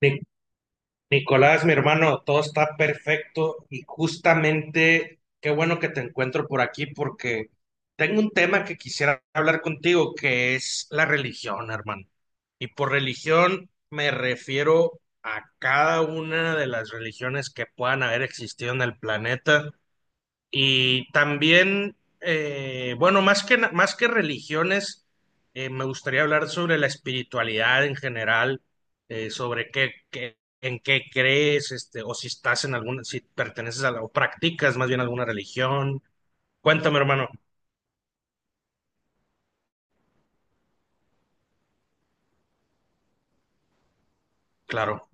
Ni- Nicolás, mi hermano, todo está perfecto y justamente qué bueno que te encuentro por aquí porque tengo un tema que quisiera hablar contigo, que es la religión, hermano. Y por religión me refiero a cada una de las religiones que puedan haber existido en el planeta y también, bueno, más que religiones, me gustaría hablar sobre la espiritualidad en general, sobre en qué crees, o si estás en alguna, si perteneces o practicas más bien alguna religión. Cuéntame, hermano. Claro.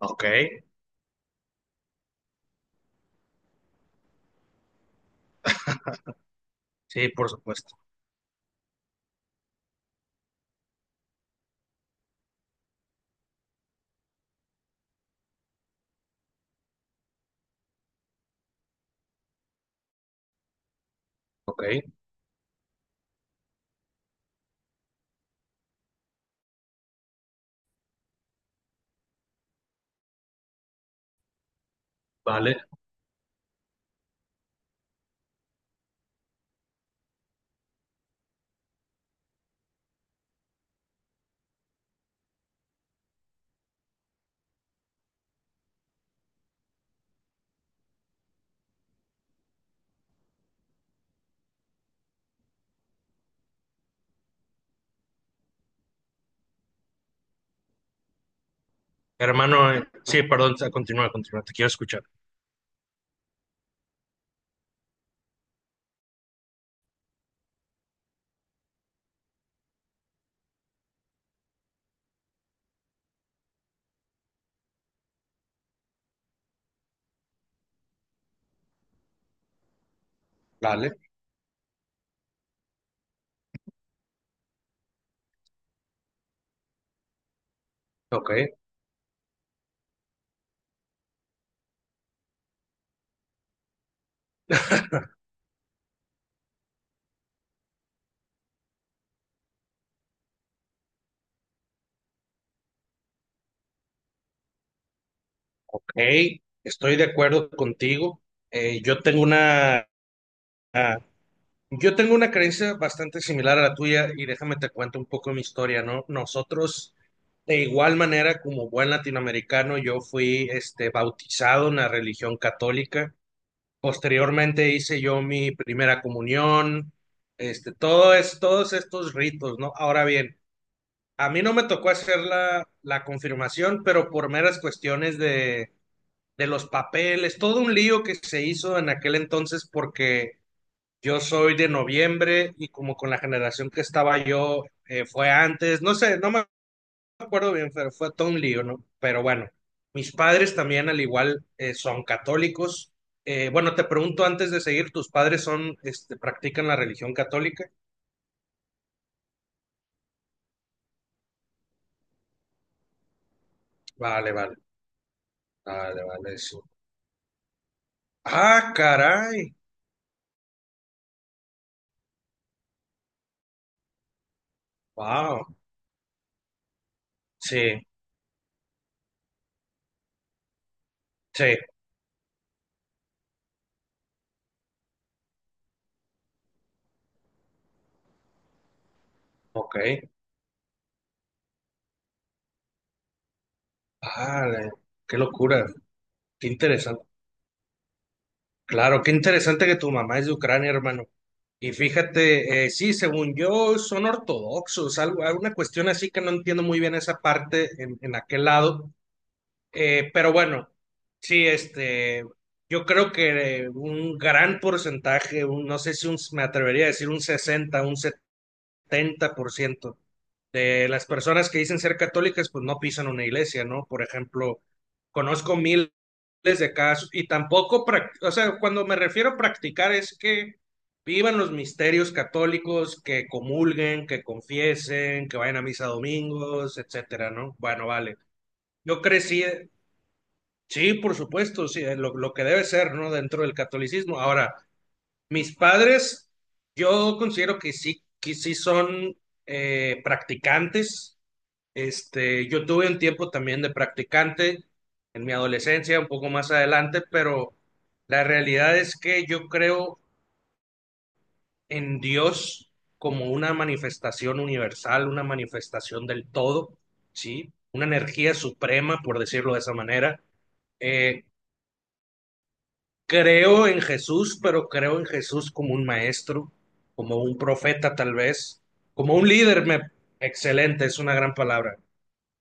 Ok. Sí, por supuesto. Ok. Vale. Hermano, sí, perdón, continúa, continúa, te quiero escuchar. Vale. Ok. Ok. Estoy de acuerdo contigo. Eh, yo tengo una. Yo tengo una creencia bastante similar a la tuya y déjame te cuento un poco mi historia, ¿no? Nosotros, de igual manera, como buen latinoamericano, yo fui bautizado en la religión católica. Posteriormente hice yo mi primera comunión, todos estos ritos, ¿no? Ahora bien, a mí no me tocó hacer la confirmación, pero por meras cuestiones de los papeles, todo un lío que se hizo en aquel entonces porque yo soy de noviembre y como con la generación que estaba yo fue antes, no sé, no me acuerdo bien, pero fue todo un lío, ¿no? Pero bueno, mis padres también al igual son católicos. Bueno, te pregunto antes de seguir, ¿tus padres practican la religión católica? Vale, vale, vale, vale, sí. Ah, caray, wow, sí, sí, ok, vale, qué locura, qué interesante. Claro, qué interesante que tu mamá es de Ucrania, hermano. Y fíjate, sí, según yo, son ortodoxos, alguna cuestión así que no entiendo muy bien esa parte en aquel lado. Pero bueno, sí, yo creo que un gran porcentaje, no sé si me atrevería a decir un 60, un 70% de las personas que dicen ser católicas, pues no pisan una iglesia, ¿no? Por ejemplo, conozco miles de casos y tampoco, o sea, cuando me refiero a practicar es que vivan los misterios católicos, que comulguen, que confiesen, que vayan a misa domingos, etcétera, ¿no? Bueno, vale. Yo crecí, sí, por supuesto, sí, lo que debe ser, ¿no? Dentro del catolicismo. Ahora, mis padres, yo considero que sí son practicantes, yo tuve un tiempo también de practicante en mi adolescencia, un poco más adelante, pero la realidad es que yo creo en Dios como una manifestación universal, una manifestación del todo, ¿sí? Una energía suprema, por decirlo de esa manera. Eh, creo en Jesús, pero creo en Jesús como un maestro, como un profeta tal vez, como un líder, excelente, es una gran palabra.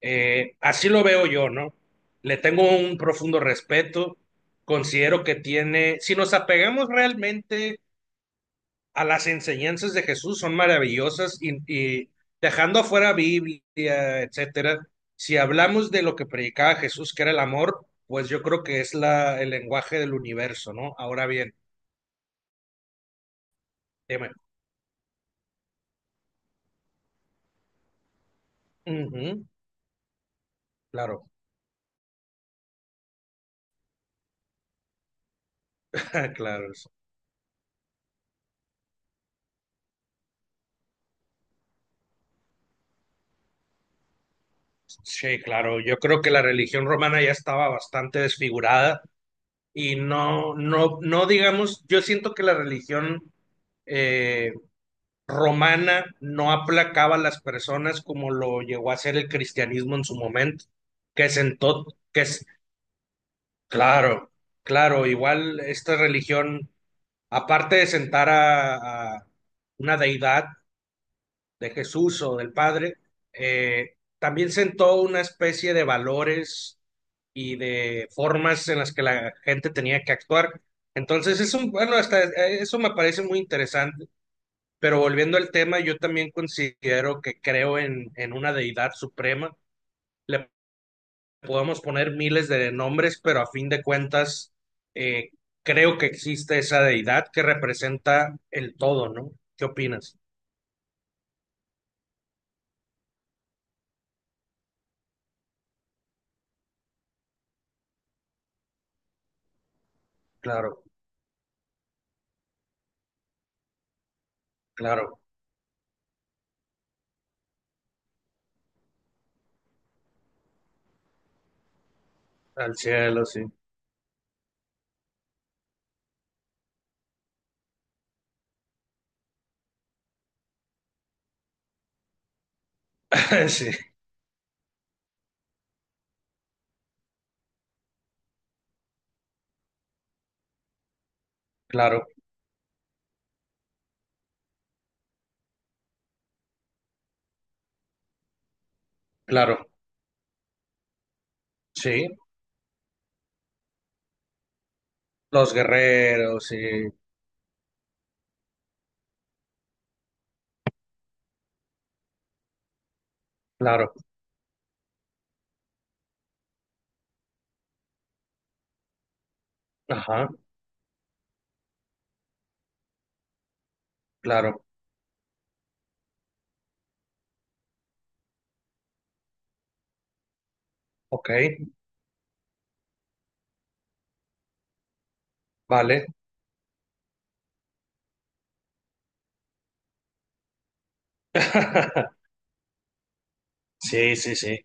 Así lo veo yo, ¿no? Le tengo un profundo respeto, considero que tiene, si nos apegamos realmente a las enseñanzas de Jesús, son maravillosas y dejando afuera Biblia, etcétera, si hablamos de lo que predicaba Jesús, que era el amor, pues yo creo que es el lenguaje del universo, ¿no? Ahora bien, dime. Ujú, claro, claro, sí, claro. Yo creo que la religión romana ya estaba bastante desfigurada y no, no, no digamos, yo siento que la religión eh, romana no aplacaba a las personas como lo llegó a hacer el cristianismo en su momento, que sentó, que es, claro, claro, igual esta religión, aparte de sentar a una deidad, de Jesús o del Padre, también sentó una especie de valores y de formas en las que la gente tenía que actuar. Entonces, bueno, hasta eso me parece muy interesante, pero volviendo al tema, yo también considero que creo en una deidad suprema. Le podemos poner miles de nombres, pero a fin de cuentas, eh, creo que existe esa deidad que representa el todo, ¿no? ¿Qué opinas? Claro, claro, al cielo, sí. Sí, claro, claro, sí, los guerreros, sí, claro, ajá, claro, ok, vale. Sí, sí, sí,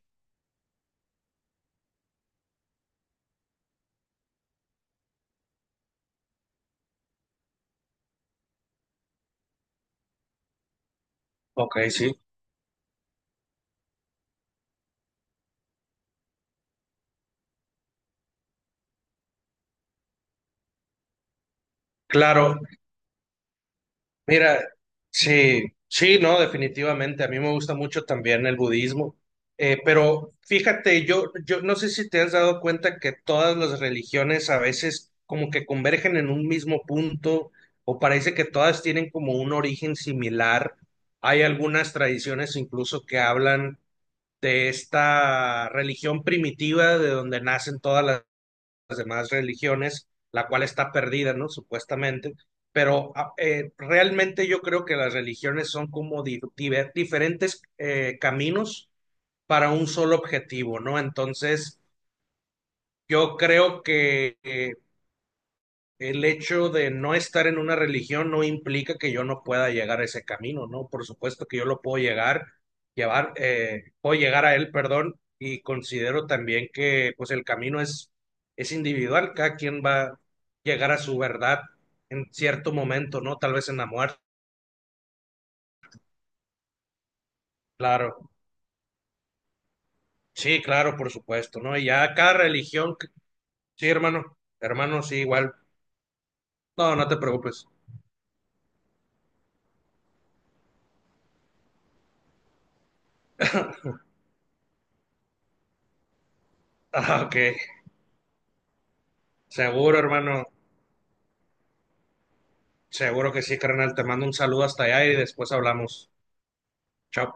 ok, sí, claro, mira, sí, sí, no, definitivamente. A mí me gusta mucho también el budismo. Pero fíjate, yo no sé si te has dado cuenta que todas las religiones a veces como que convergen en un mismo punto o parece que todas tienen como un origen similar. Hay algunas tradiciones incluso que hablan de esta religión primitiva de donde nacen todas las demás religiones, la cual está perdida, ¿no? Supuestamente, pero realmente yo creo que las religiones son como diferentes caminos para un solo objetivo, ¿no? Entonces, yo creo que el hecho de no estar en una religión no implica que yo no pueda llegar a ese camino, ¿no? Por supuesto que yo lo puedo llevar, puedo llegar a él, perdón, y considero también que pues el camino es individual, cada quien va a llegar a su verdad en cierto momento, ¿no? Tal vez en la muerte, claro, sí, claro, por supuesto, ¿no? Y ya cada religión, sí, hermano, hermano, sí, igual, no, no te preocupes, ah, ok, seguro, hermano. Seguro que sí, carnal. Te mando un saludo hasta allá y después hablamos. Chao.